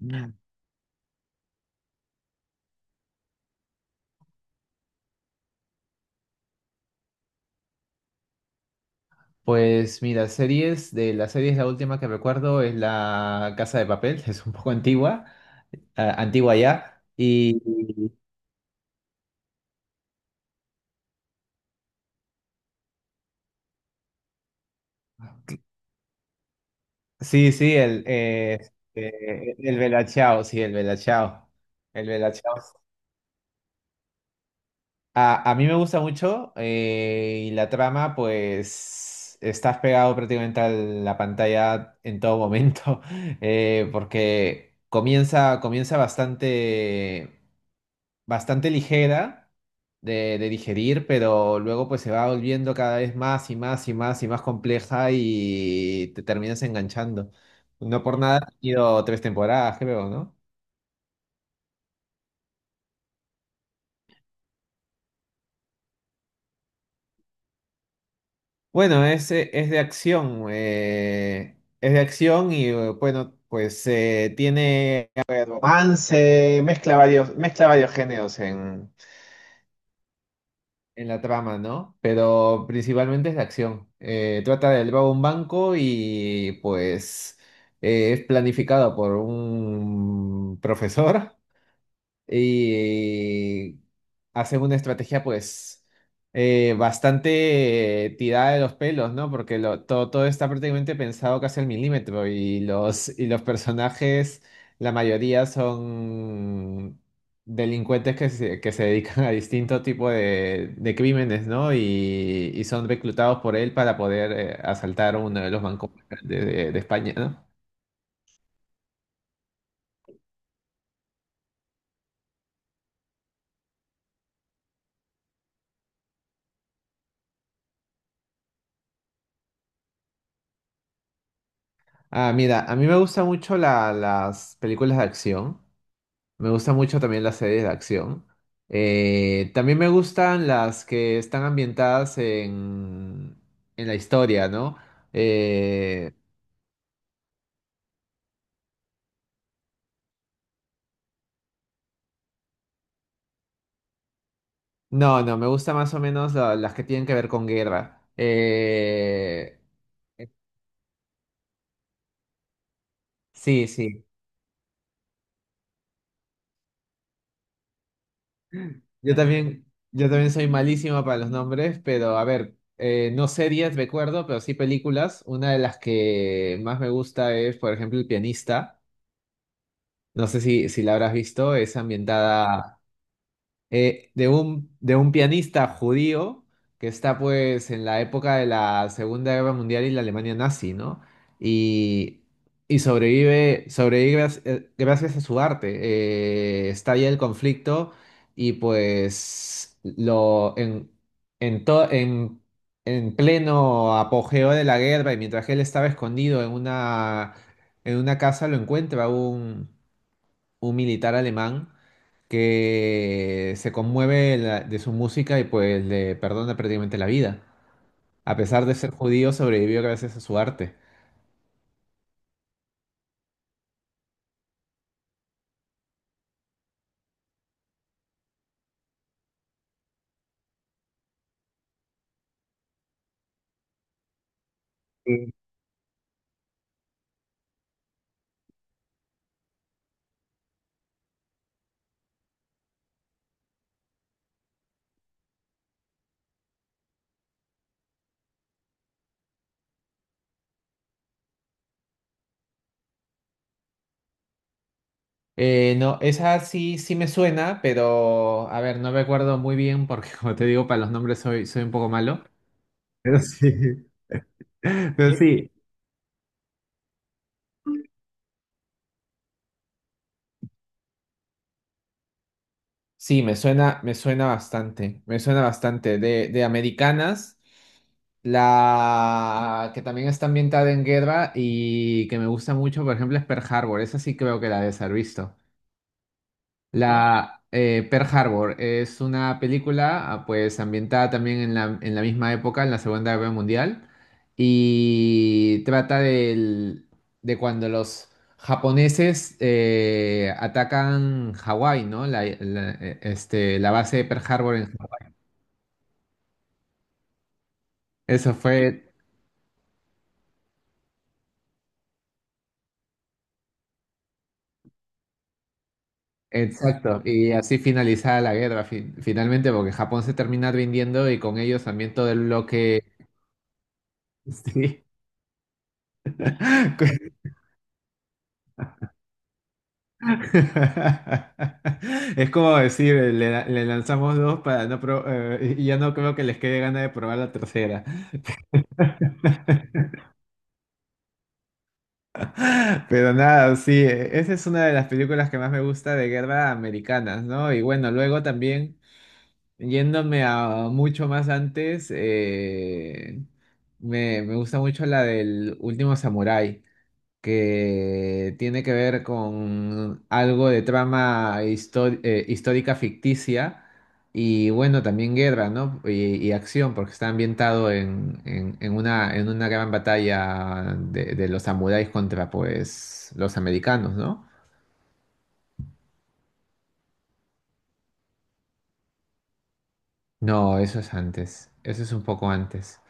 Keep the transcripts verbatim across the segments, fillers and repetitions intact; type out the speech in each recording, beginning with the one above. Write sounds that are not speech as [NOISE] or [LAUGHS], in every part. Mm. Pues mira, series, de las series la última que recuerdo es La Casa de Papel, [LAUGHS] es un poco antigua, ah, antigua ya, y sí, sí, el, eh, eh, el Bella Ciao, sí, el Bella Ciao, el Bella Ciao. A, a mí me gusta mucho eh, y la trama, pues estás pegado prácticamente a la pantalla en todo momento, [LAUGHS] eh, porque comienza, comienza bastante. Bastante ligera de, de digerir, pero luego pues se va volviendo cada vez más y más y más y más compleja y te terminas enganchando. No por nada ha tenido tres temporadas, creo, ¿no? Bueno, es, eh, es de acción, eh, es de acción y eh, bueno, pues eh, tiene a ver, romance, mezcla varios, mezcla varios géneros en, en la trama, ¿no? Pero principalmente es la acción. Eh, trata de robar un banco y pues eh, es planificado por un profesor y hacen una estrategia pues eh, bastante eh, tirada de los pelos, ¿no? Porque lo- todo, todo está prácticamente pensado casi al milímetro, ¿no? Y los, y los personajes, la mayoría son delincuentes que se, que se dedican a distinto tipo de, de crímenes, ¿no? Y, y son reclutados por él para poder eh, asaltar uno de los bancos de, de de España, ¿no? Ah, mira, a mí me gustan mucho la- las películas de acción. Me gusta mucho también las series de acción. Eh, también me gustan las que están ambientadas en, en la historia, ¿no? Eh, no, no, me gusta más o menos la- las que tienen que ver con guerra. Eh, sí, sí. Yo también, yo también soy malísimo para los nombres, pero a ver, eh, no series, recuerdo, pero sí películas. Una de las que más me gusta es, por ejemplo, El pianista. No sé si, si la habrás visto, es ambientada eh, de un, de un pianista judío que está pues en la época de la Segunda Guerra Mundial y la Alemania nazi, ¿no? Y, y sobrevive, sobrevive grac- eh, gracias a su arte. Eh, estalla el conflicto y pues lo, en, en, to- en, en pleno apogeo de la guerra y mientras él estaba escondido en una, en una casa lo encuentra un, un militar alemán que se conmueve la- de su música y pues le perdona prácticamente la vida. A pesar de ser judío, sobrevivió gracias a su arte. Eh, no, esa sí, sí me suena, pero a ver, no me acuerdo muy bien porque [LAUGHS] como te digo, para los nombres soy, soy un poco malo. Pero sí, [LAUGHS] pero sí. Sí, me suena, me suena bastante, me suena bastante. De, de americanas, la que también está ambientada en guerra y que me gusta mucho, por ejemplo, es Pearl Harbor. Esa sí creo que la debes haber visto. La eh, Pearl Harbor es una película, ah, pues ambientada también en la, en la misma época, en la Segunda Guerra Mundial, y trata del- de cuando los japoneses eh, atacan Hawái, ¿no? La, la- eh, este, la base de Pearl Harbor en Hawái. Eso fue exacto, y así finalizada la guerra fin- finalmente, porque Japón se termina rindiendo y con ellos también todo el bloque... [LAUGHS] Sí. [LAUGHS] [LAUGHS] Es como decir, le, le lanzamos dos para no pro- eh, y ya no creo que les quede gana de probar la tercera. [LAUGHS] Pero nada, sí, eh, esa es una de las películas que más me gusta de guerra americanas, ¿no? Y bueno, luego también, yéndome a mucho más antes, eh, me, me gusta mucho la del último samurái, que tiene que ver con algo de trama histo- eh, histórica ficticia y bueno, también guerra, ¿no? Y, y acción, porque está ambientado en, en- en una, en una gran batalla de, de los samuráis contra pues los americanos, ¿no? No, eso es antes, eso es un poco antes.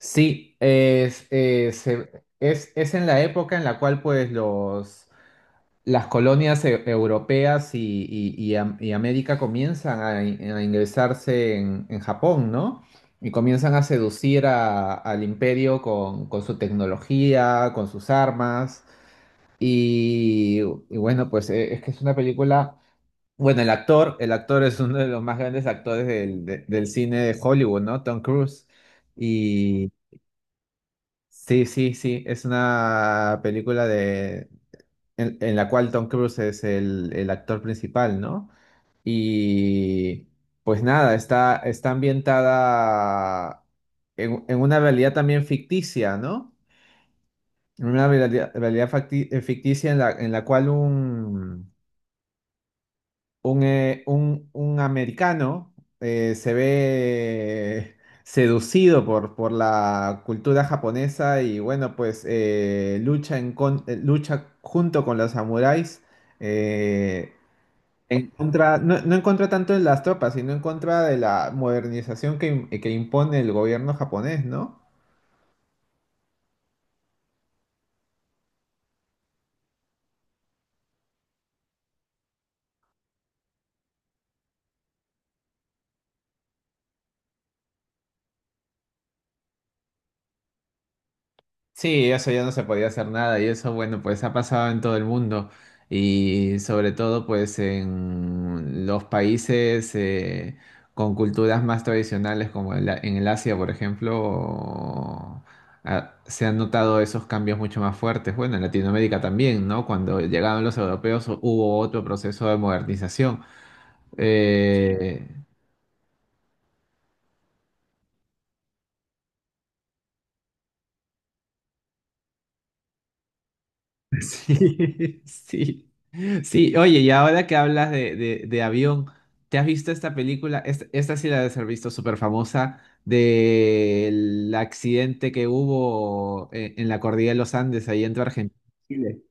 Sí, es, eh, se- es, es en la época en la cual pues los... las colonias e- europeas y, y- y Am- y América comienzan a, in- a ingresarse en, en Japón, ¿no? Y comienzan a seducir a- al imperio con, con su tecnología, con sus armas. Y, y bueno, pues eh, es que es una película. Bueno, el actor, el actor es uno de los más grandes actores del, de- del cine de Hollywood, ¿no? Tom Cruise. Y sí, sí, sí, es una película en, en la cual Tom Cruise es el, el actor principal, ¿no? Y pues nada, está, está ambientada en, en una realidad también ficticia, ¿no? En una realidad, realidad facti- eh, ficticia en la, en la cual un, un, eh, un, un americano eh, se ve seducido por, por la cultura japonesa y bueno, pues eh, lucha, en con- eh, lucha junto con los samuráis. eh, En contra, no, no en contra tanto de las tropas, sino en contra de la modernización que, im- que impone el gobierno japonés, ¿no? Sí, eso ya no se podía hacer nada y eso, bueno, pues ha pasado en todo el mundo y sobre todo pues en los países eh, con culturas más tradicionales como el- en el Asia, por ejemplo, ah, se han notado esos cambios mucho más fuertes. Bueno, en Latinoamérica también, ¿no? Cuando llegaron los europeos hubo otro proceso de modernización. Eh, [LAUGHS] sí, sí. Sí, oye, y ahora que hablas de, de- de avión, ¿te has visto esta película? Esta, esta sí la debes haber visto, súper famosa, del accidente que hubo en, en la cordillera de los Andes, ahí entre Argentina y Chile.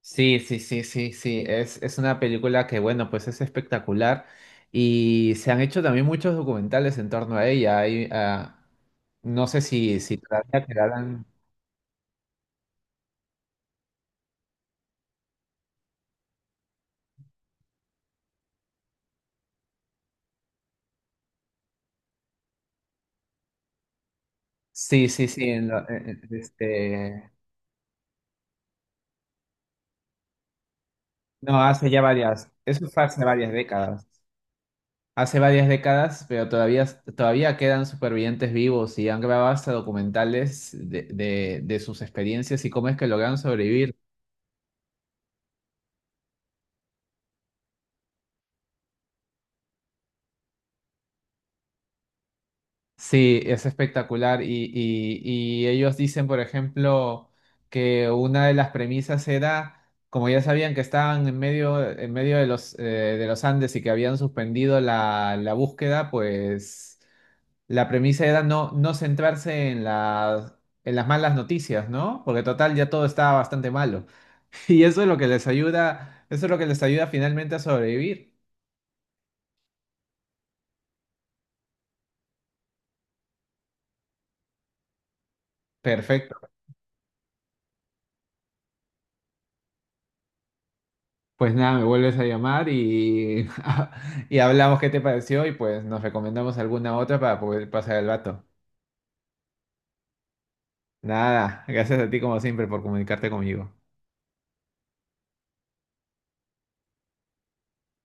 Sí, sí, sí, sí, sí. Es, es una película que, bueno, pues es espectacular. Y se han hecho también muchos documentales en torno a ella. Hay, ah, no sé si, si todavía quedarán. Sí, sí, sí. en lo- en- en- este, No, hace ya varias. Eso fue hace varias décadas. Hace varias décadas, pero todavía, todavía quedan supervivientes vivos y han grabado hasta documentales de, de- de sus experiencias y cómo es que lograron sobrevivir. Sí, es espectacular. Y, y, y ellos dicen, por ejemplo, que una de las premisas era, como ya sabían que estaban en medio, en medio de los, eh, de los Andes y que habían suspendido la, la búsqueda, pues. La premisa era no, no centrarse en las, en las malas noticias, ¿no? Porque total ya todo estaba bastante malo. [LAUGHS] Y eso es lo que les ayuda, eso es lo que les ayuda finalmente a sobrevivir. Perfecto. Pues nada, me vuelves a llamar y, [LAUGHS] y hablamos qué te pareció y pues nos recomendamos alguna otra para poder pasar el vato. Nada, gracias a ti como siempre por comunicarte conmigo.